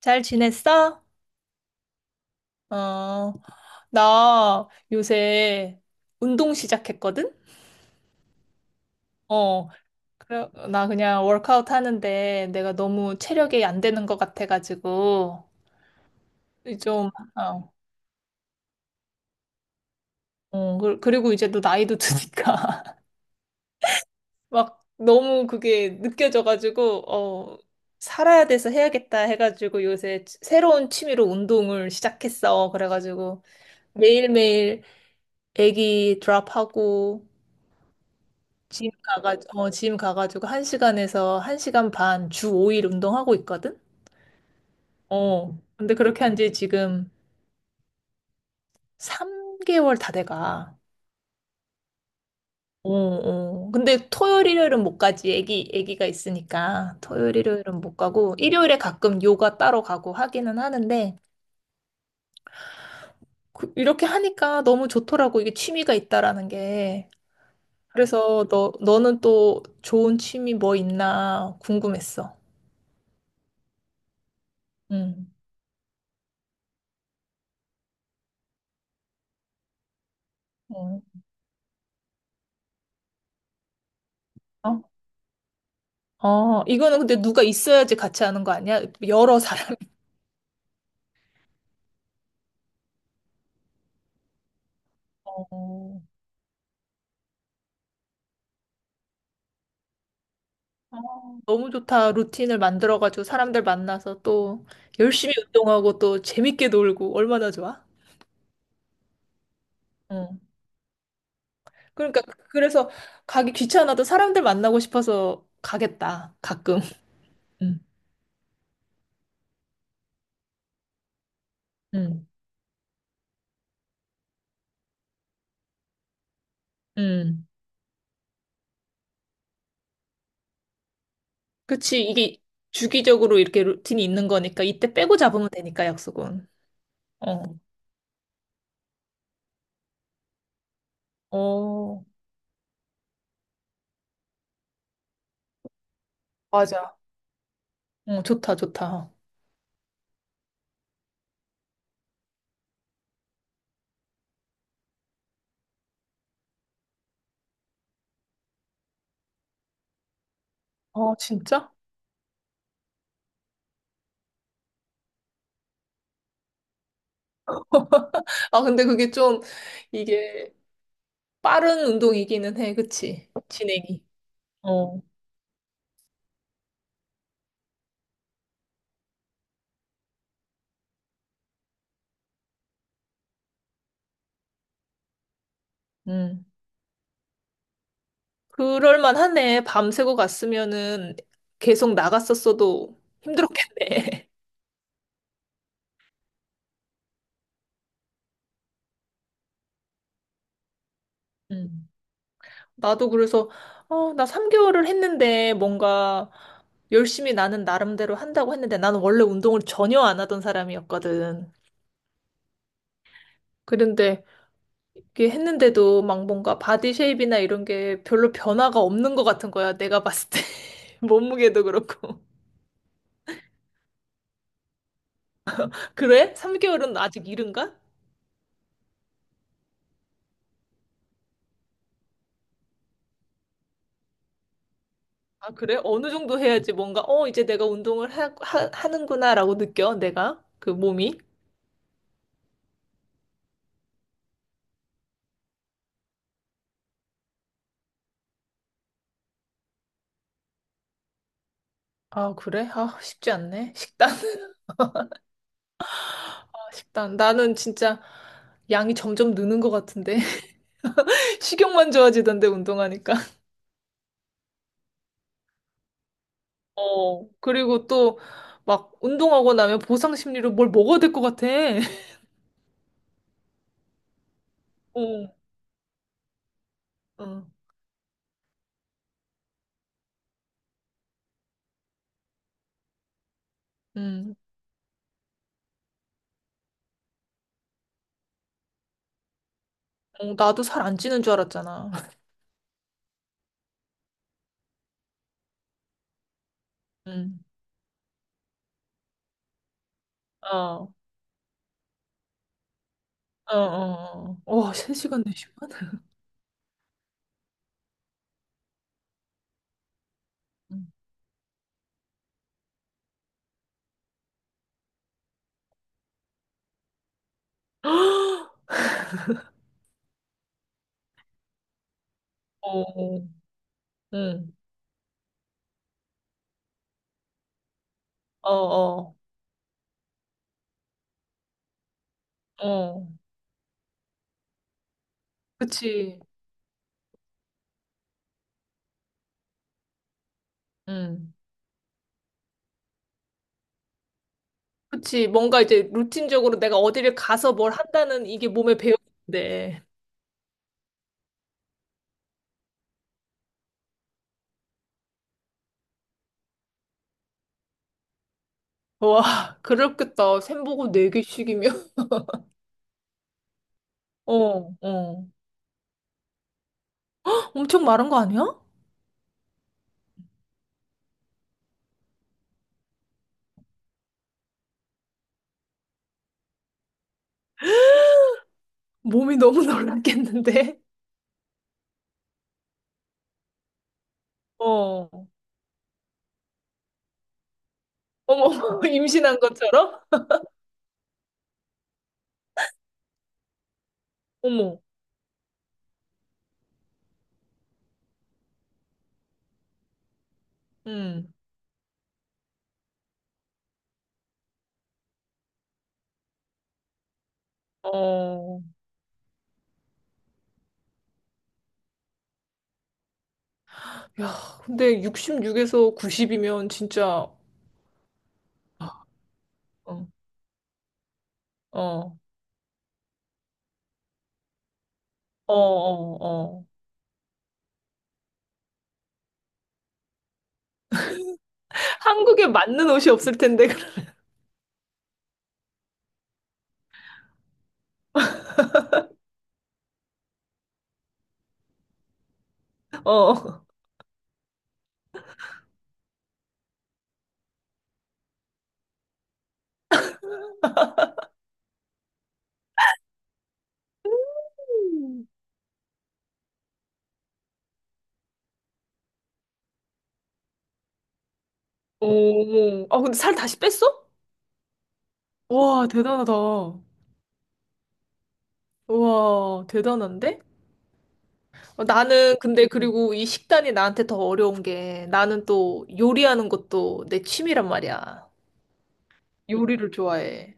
잘 지냈어? 어, 나 요새 운동 시작했거든? 어, 그래, 나 그냥 워크아웃 하는데 내가 너무 체력이 안 되는 것 같아가지고, 좀, 어, 어, 그리고 이제 또 나이도 드니까, 막 너무 그게 느껴져가지고, 어, 살아야 돼서 해야겠다 해가지고 요새 새로운 취미로 운동을 시작했어. 그래가지고 매일매일 애기 드랍하고, 짐 가가지고, 어, 짐 가가지고 1시간에서 1시간 반 주 5일 운동하고 있거든? 어. 근데 그렇게 한지 지금 3개월 다 돼가. 어, 어. 근데 토요일, 일요일은 못 가지. 애기가 있으니까. 토요일, 일요일은 못 가고, 일요일에 가끔 요가 따로 가고 하기는 하는데, 이렇게 하니까 너무 좋더라고. 이게 취미가 있다라는 게. 그래서 너는 또 좋은 취미 뭐 있나 궁금했어. 응. 응. 어? 어, 이거는 근데 누가 있어야지 같이 하는 거 아니야? 여러 사람이. 어, 어, 너무 좋다. 루틴을 만들어가지고 사람들 만나서 또 열심히 운동하고 또 재밌게 놀고 얼마나 좋아? 응. 그러니까 그래서 가기 귀찮아도 사람들 만나고 싶어서 가겠다. 가끔. 응. 응. 응. 그치. 이게 주기적으로 이렇게 루틴이 있는 거니까 이때 빼고 잡으면 되니까 약속은. 어. 어. 맞아. 어, 좋다, 좋다. 어, 진짜? 아, 근데 그게 좀, 이게 빠른 운동이기는 해, 그치? 진행이. 어. 음. 그럴만 하네. 밤새고 갔으면은 계속 나갔었어도 힘들었겠네. 음. 나도 그래서, 어, 나 3개월을 했는데 뭔가 열심히 나는 나름대로 한다고 했는데 나는 원래 운동을 전혀 안 하던 사람이었거든. 그런데 그게 했는데도 막 뭔가 바디 쉐입이나 이런 게 별로 변화가 없는 것 같은 거야. 내가 봤을 때. 몸무게도 그렇고. 그래? 3개월은 아직 이른가? 아, 그래? 어느 정도 해야지 뭔가, 어, 이제 내가 운동을 하는구나라고 느껴, 내가. 그 몸이. 아, 그래? 아, 쉽지 않네. 식단, 아, 식단. 나는 진짜 양이 점점 느는 것 같은데. 식욕만 좋아지던데, 운동하니까. 어, 그리고 또 막 운동하고 나면 보상 심리로 뭘 먹어야 될 것 같아. 어, 어, 음. 어, 나도 살 안 찌는 줄 알았잖아. 음. 어, 어, 어, 어. 와, 3시간, 내시간 어, 응, 어, 어, 어, 그치, 응, 그치. 뭔가 이제 루틴적으로 내가 어디를 가서 뭘 한다는 이게 몸에 배어있는데. 와, 그렇겠다. 샘보고 네개씩이면 어, 어, 엄청 마른 거 아니야? 몸이 너무 놀랐겠는데? 어, 어머, 임신한 것처럼? 어머, 응, 어, 야, 근데 66에서 90이면 진짜, 어, 어, 어, 어, 한국에 맞는 옷이 없을 텐데. 어. 음. 오. 아, 근데 살 다시 뺐어? 와, 대단하다. 와, 대단한데? 어, 나는 근데 그리고 이 식단이 나한테 더 어려운 게 나는 또 요리하는 것도 내 취미란 말이야. 요리를 좋아해.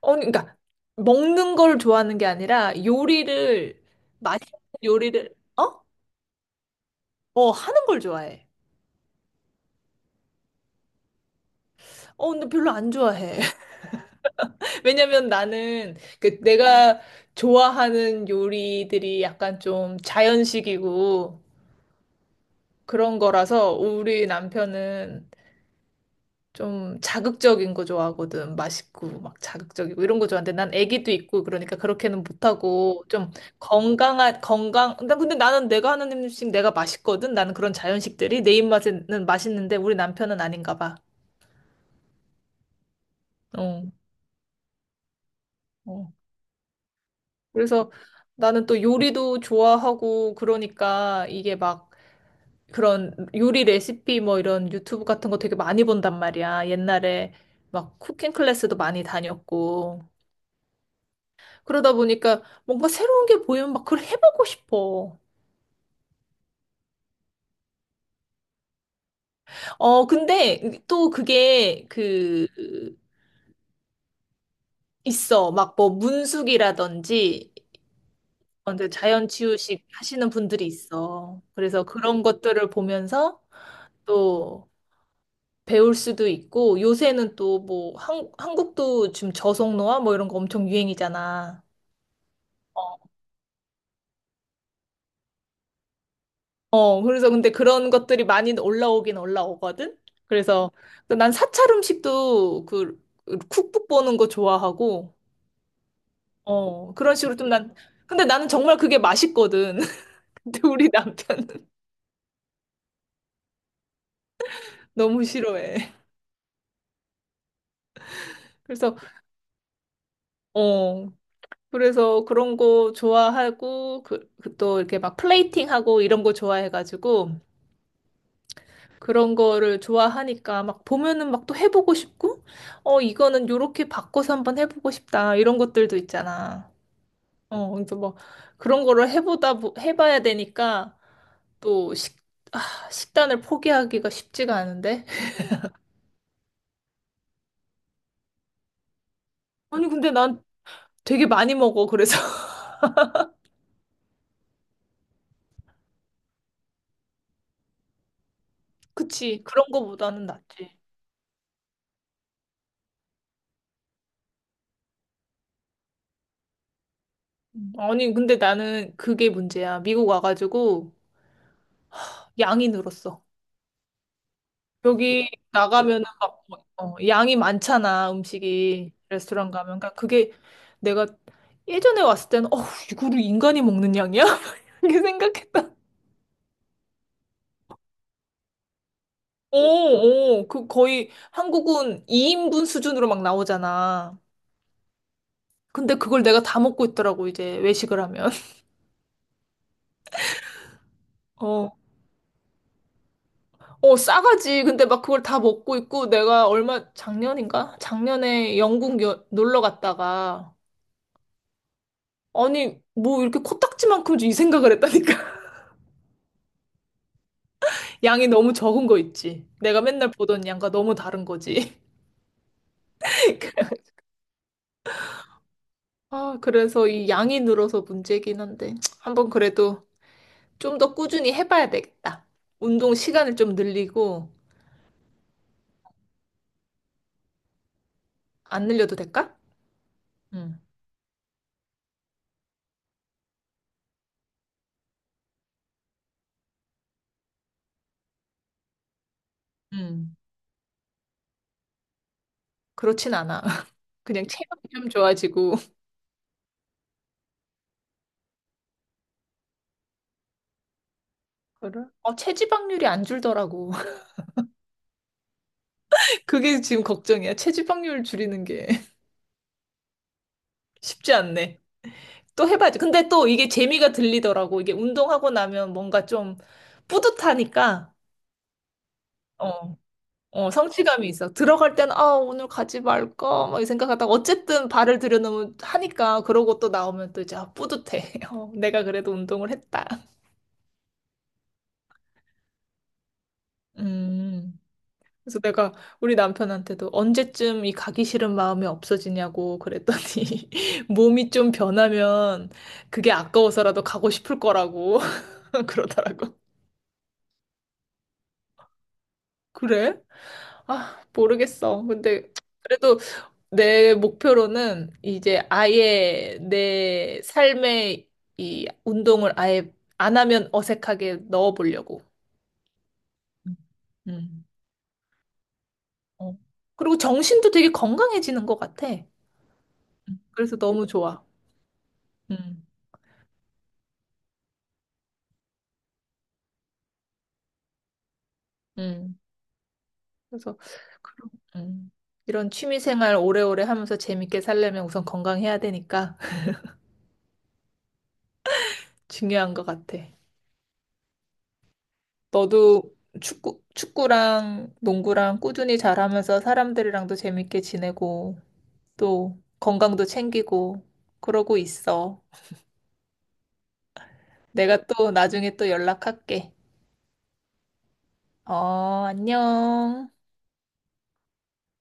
어, 그러니까 먹는 걸 좋아하는 게 아니라 요리를 맛있는 요리를 어? 어, 하는 걸 좋아해. 어, 근데 별로 안 좋아해. 왜냐면 나는 그 내가 좋아하는 요리들이 약간 좀 자연식이고 그런 거라서 우리 남편은 좀 자극적인 거 좋아하거든. 맛있고 막 자극적이고 이런 거 좋아하는데 난 애기도 있고 그러니까 그렇게는 못하고 좀 건강한 건강 난 근데 나는 내가 하는 음식 내가 맛있거든. 나는 그런 자연식들이 내 입맛에는 맛있는데 우리 남편은 아닌가 봐. 어. 어. 그래서 나는 또 요리도 좋아하고 그러니까 이게 막 그런 요리 레시피 뭐 이런 유튜브 같은 거 되게 많이 본단 말이야. 옛날에 막 쿠킹 클래스도 많이 다녔고. 그러다 보니까 뭔가 새로운 게 보이면 막 그걸 해보고 싶어. 어, 근데 또 그게 그, 있어. 막 뭐 문숙이라든지 언제 자연 치유식 하시는 분들이 있어. 그래서 그런 것들을 보면서 또 배울 수도 있고 요새는 또 뭐 한국도 지금 저속노화 뭐 이런 거 엄청 유행이잖아. 어, 어, 그래서 근데 그런 것들이 많이 올라오긴 올라오거든? 그래서 그 난 사찰 음식도 그 쿡북 보는 거 좋아하고, 어, 그런 식으로 좀 난, 근데 나는 정말 그게 맛있거든. 근데 우리 남편은 너무 싫어해. 그래서, 어, 그래서 그런 거 좋아하고, 그, 그또 이렇게 막 플레이팅하고 이런 거 좋아해가지고, 그런 거를 좋아하니까 막 보면은 막 또 해보고 싶고, 어, 이거는 요렇게 바꿔서 한번 해보고 싶다. 이런 것들도 있잖아. 어, 그래서 뭐 그런 거를 해보다 보- 해봐야 되니까 또 아, 식단을 포기하기가 쉽지가 않은데. 아니, 근데 난 되게 많이 먹어. 그래서 그치. 그런 거보다는 낫지. 아니, 근데 나는 그게 문제야. 미국 와가지고 양이 늘었어. 여기 나가면은 막 뭐, 어, 양이 많잖아, 음식이. 레스토랑 가면. 그러니까 그게 내가 예전에 왔을 때는 어, 이거를 인간이 먹는 양이야? 이렇게 생각했다. 오, 오, 그 거의 한국은 2인분 수준으로 막 나오잖아. 근데 그걸 내가 다 먹고 있더라고, 이제 외식을 하면. 어, 어, 싸가지. 근데 막 그걸 다 먹고 있고 내가 얼마, 작년인가? 작년에 영국 놀러 갔다가 아니, 뭐 이렇게 코딱지만큼 이 생각을 했다니까. 양이 너무 적은 거 있지. 내가 맨날 보던 양과 너무 다른 거지. 아, 그래서 이 양이 늘어서 문제긴 한데 한 번 그래도 좀 더 꾸준히 해봐야 되겠다. 운동 시간을 좀 늘리고, 안 늘려도 될까? 응. 음. 그렇진 않아. 그냥 체력이 좀 좋아지고. 그래? 어, 체지방률이 안 줄더라고. 그게 지금 걱정이야. 체지방률 줄이는 게 쉽지 않네. 또 해봐야지. 근데 또 이게 재미가 들리더라고. 이게 운동하고 나면 뭔가 좀 뿌듯하니까. 어. 어, 성취감이 있어. 들어갈 땐, 아, 오늘 가지 말까? 막이 생각하다가, 어쨌든 발을 들여놓으면 하니까, 그러고 또 나오면 또 이제, 아, 뿌듯해. 어, 내가 그래도 운동을 했다. 음. 그래서 내가 우리 남편한테도 언제쯤 이 가기 싫은 마음이 없어지냐고 그랬더니, 몸이 좀 변하면 그게 아까워서라도 가고 싶을 거라고 그러더라고. 그래? 아, 모르겠어. 근데, 그래도 내 목표로는 이제 아예 내 삶에 이 운동을 아예 안 하면 어색하게 넣어보려고. 음. 어. 그리고 정신도 되게 건강해지는 것 같아. 그래서 너무 좋아. 음. 음. 그래서 음. 이런 취미 생활 오래오래 하면서 재밌게 살려면 우선 건강해야 되니까 중요한 것 같아. 너도 축구랑 농구랑 꾸준히 잘하면서 사람들이랑도 재밌게 지내고 또 건강도 챙기고 그러고 있어. 내가 또 나중에 또 연락할게. 어, 안녕.